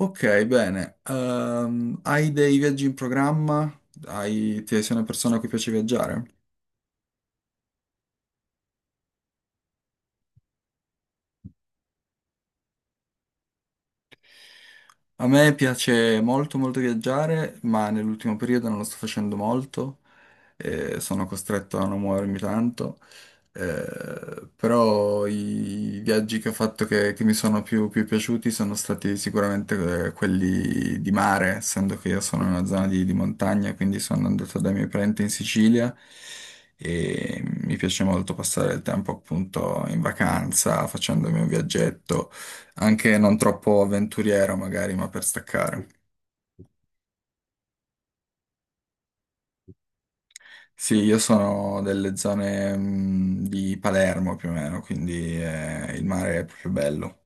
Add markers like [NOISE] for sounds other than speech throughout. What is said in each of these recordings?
Ok, bene. Hai dei viaggi in programma? Ti sei una persona a cui piace viaggiare? A me piace molto molto viaggiare, ma nell'ultimo periodo non lo sto facendo molto. Sono costretto a non muovermi tanto. Però i viaggi che ho fatto che mi sono più piaciuti sono stati sicuramente quelli di mare, essendo che io sono in una zona di montagna, quindi sono andato dai miei parenti in Sicilia e mi piace molto passare il tempo appunto in vacanza, facendomi un viaggetto anche non troppo avventuriero magari, ma per staccare. Sì, io sono delle zone di Palermo più o meno, quindi il mare è proprio bello.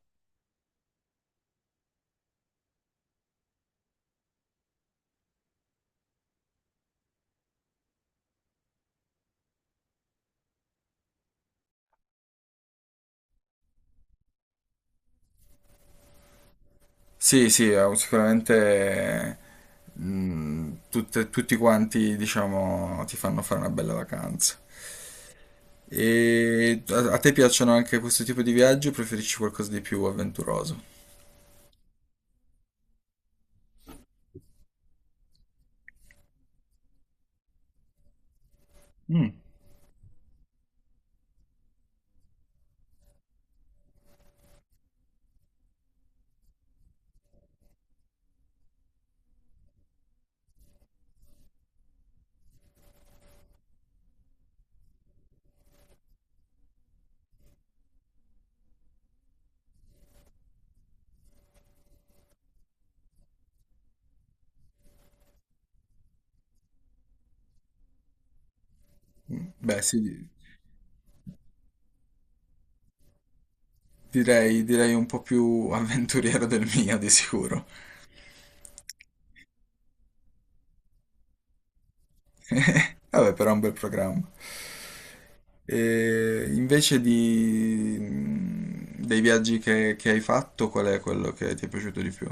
Sì, sì, sicuramente tutti quanti, diciamo, ti fanno fare una bella vacanza. E a te piacciono anche questo tipo di viaggi o preferisci qualcosa di più avventuroso? Mm. Beh, sì, direi un po' più [LAUGHS] avventuriero del mio, di sicuro. Vabbè, però è un bel programma. E invece dei viaggi che hai fatto, qual è quello che ti è piaciuto di più?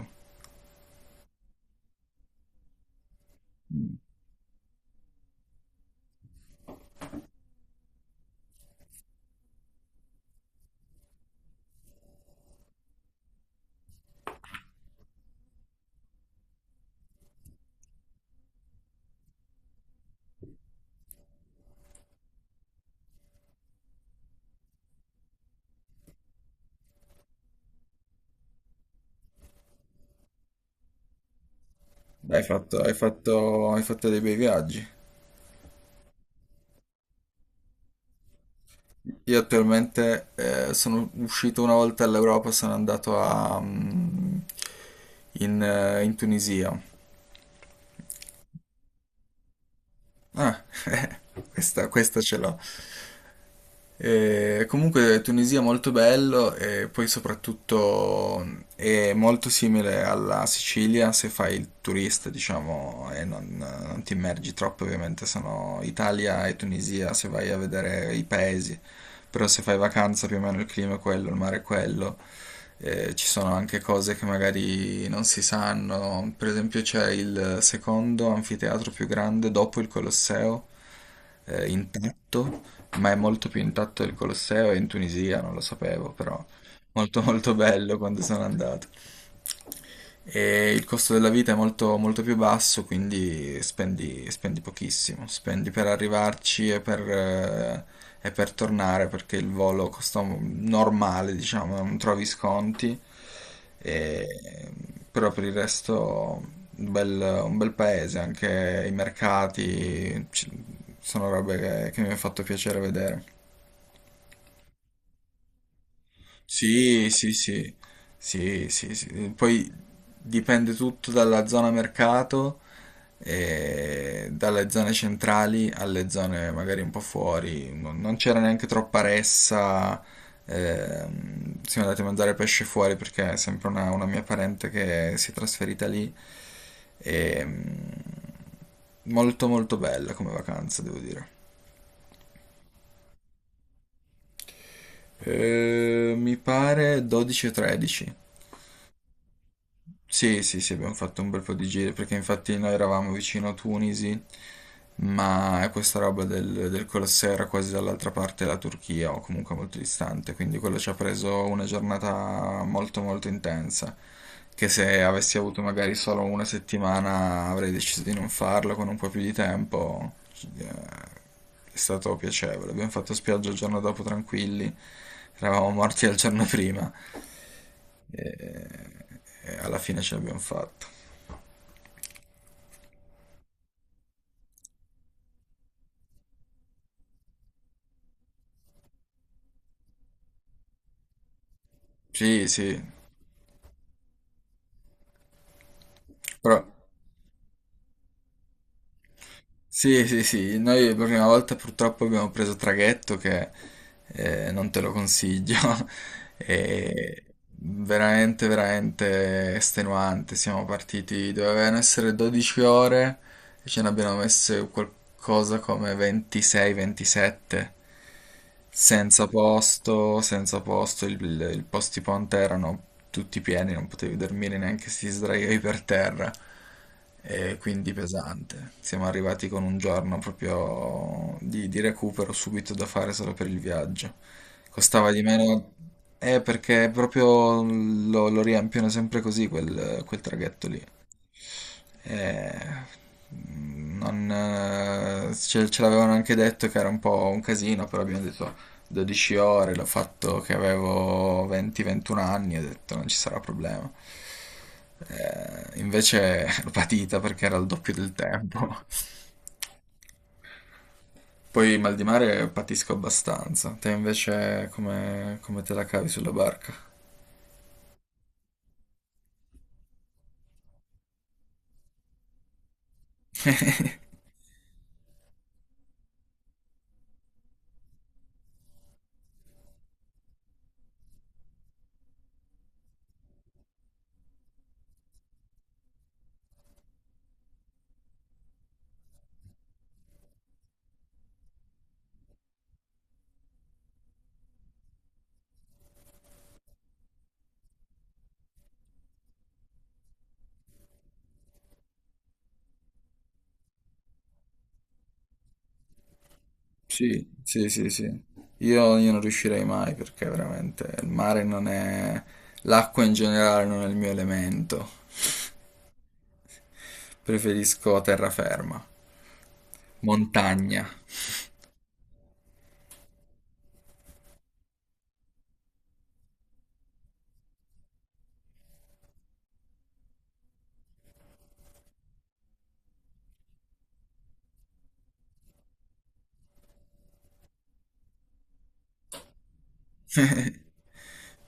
Hai fatto dei bei viaggi. Io attualmente sono uscito una volta all'Europa, sono andato in Tunisia. Ah, [LAUGHS] questa ce l'ho. Comunque Tunisia è molto bello e poi soprattutto è molto simile alla Sicilia se fai il turista, diciamo, e non ti immergi troppo, ovviamente sono Italia e Tunisia se vai a vedere i paesi, però se fai vacanza più o meno il clima è quello, il mare è quello. Ci sono anche cose che magari non si sanno. Per esempio, c'è il secondo anfiteatro più grande dopo il Colosseo, intatto, ma è molto più intatto del Colosseo, è in Tunisia, non lo sapevo, però molto molto bello quando sono andato. E il costo della vita è molto, molto più basso, quindi spendi pochissimo. Spendi per arrivarci e per tornare, perché il volo costa normale, diciamo, non trovi sconti. E- Però per il resto un bel paese, anche i mercati, sono robe che mi ha fatto piacere vedere. Sì, sì, sì, sì, sì, sì. Poi dipende tutto dalla zona mercato, e dalle zone centrali alle zone magari un po' fuori. Non c'era neanche troppa ressa. Siamo andati a mangiare pesce fuori perché è sempre una mia parente che si è trasferita lì. E molto molto bella come vacanza, devo dire. Mi pare 12 o 13. Sì, sì, sì, abbiamo fatto un bel po' di giri perché infatti noi eravamo vicino a Tunisi, ma questa roba del Colosseo era quasi dall'altra parte della Turchia o comunque molto distante, quindi quello ci ha preso una giornata molto molto intensa, che se avessi avuto magari solo una settimana avrei deciso di non farlo con un po' più di tempo. Eh, È stato piacevole, abbiamo fatto spiaggia il giorno dopo tranquilli, eravamo morti il giorno prima. E alla fine ce l'abbiamo fatta. Sì, sì, però sì, sì, sì, noi la prima volta purtroppo abbiamo preso traghetto che non te lo consiglio. [LAUGHS] E veramente, veramente estenuante. Siamo partiti, dovevano essere 12 ore e ce ne abbiamo messe qualcosa come 26-27. Senza posto, senza posto, i posti ponte erano tutti pieni, non potevi dormire neanche se ti sdraiavi per terra, e quindi pesante. Siamo arrivati con un giorno proprio di recupero subito da fare solo per il viaggio. Costava di meno. Perché proprio lo riempiono sempre così quel traghetto lì. Eh, non, Ce l'avevano anche detto che era un po' un casino, però abbiamo detto 12 ore, l'ho fatto che avevo 20-21 anni, ho detto non ci sarà problema. Invece [LAUGHS] l'ho patita perché era il doppio del tempo. Poi mal di mare patisco abbastanza. Te invece come te la cavi sulla barca? [LAUGHS] Sì, sì, sì, sì. Io non riuscirei mai perché veramente il mare non è. L'acqua in generale non è il mio elemento. Preferisco terraferma, montagna.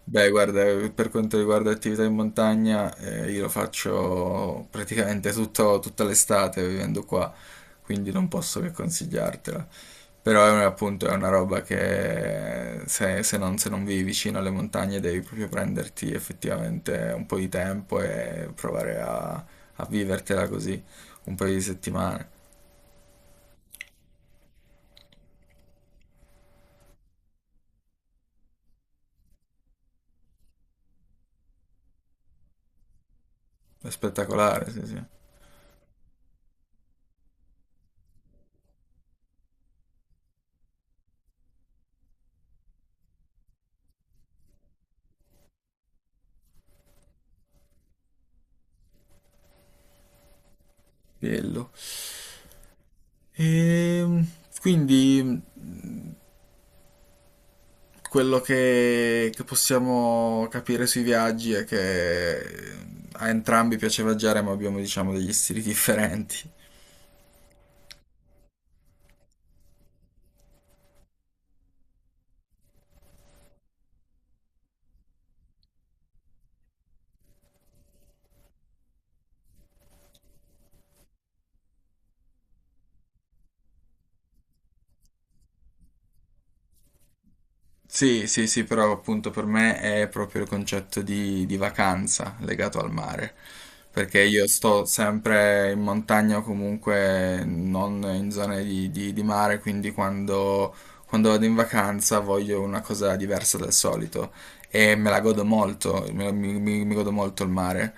Beh, guarda, per quanto riguarda attività in montagna, io lo faccio praticamente tutta l'estate vivendo qua, quindi non posso che consigliartela. Però è appunto è una roba che se non vivi vicino alle montagne devi proprio prenderti effettivamente un po' di tempo e provare a vivertela così un paio di settimane. È spettacolare, sì, sì. Bello. Ehm, quindi quello che possiamo capire sui viaggi è che a entrambi piace viaggiare, ma abbiamo, diciamo, degli stili [LAUGHS] differenti. Sì, sì, sì, però appunto per me è proprio il concetto di vacanza legato al mare, perché io sto sempre in montagna o comunque non in zone di mare, quindi quando vado in vacanza voglio una cosa diversa dal solito e me la godo molto. Mi godo molto il mare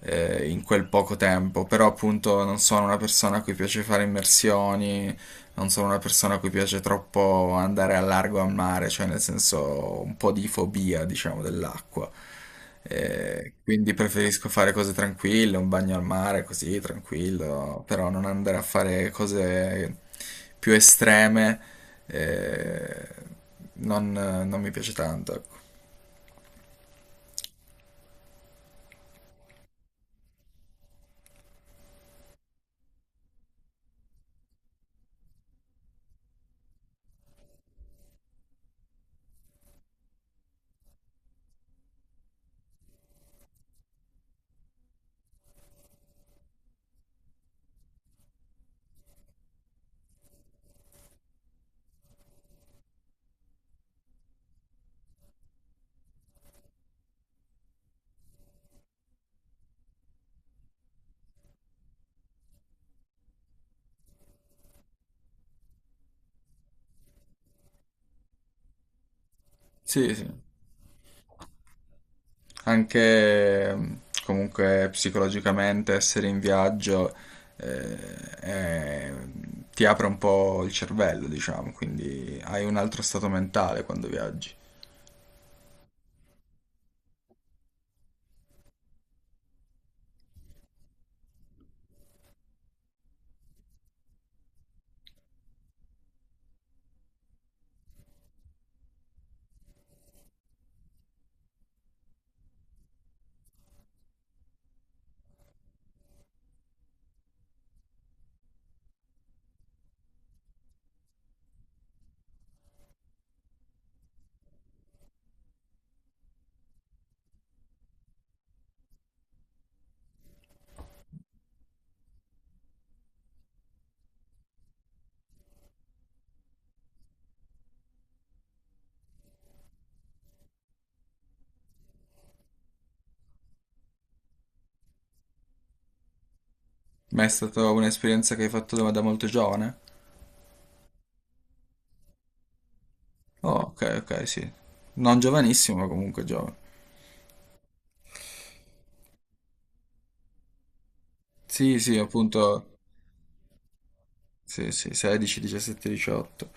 in quel poco tempo, però appunto non sono una persona a cui piace fare immersioni, non sono una persona a cui piace troppo andare al largo al mare, cioè nel senso un po' di fobia, diciamo, dell'acqua. Quindi preferisco fare cose tranquille, un bagno al mare così, tranquillo, però non andare a fare cose più estreme. eh, non mi piace tanto, ecco. Sì, sì. Anche comunque psicologicamente essere in viaggio ti apre un po' il cervello, diciamo, quindi hai un altro stato mentale quando viaggi. Ma è stata un'esperienza che hai fatto da molto giovane? Oh, ok, ok, sì. Non giovanissimo, ma comunque giovane. Sì, sì, appunto. Sì, sì, 16, 17, 18.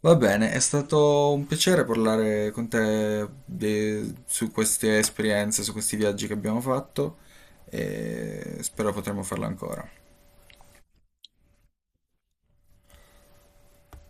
Va bene, è stato un piacere parlare con te su queste esperienze, su questi viaggi che abbiamo fatto e spero potremo farlo ancora.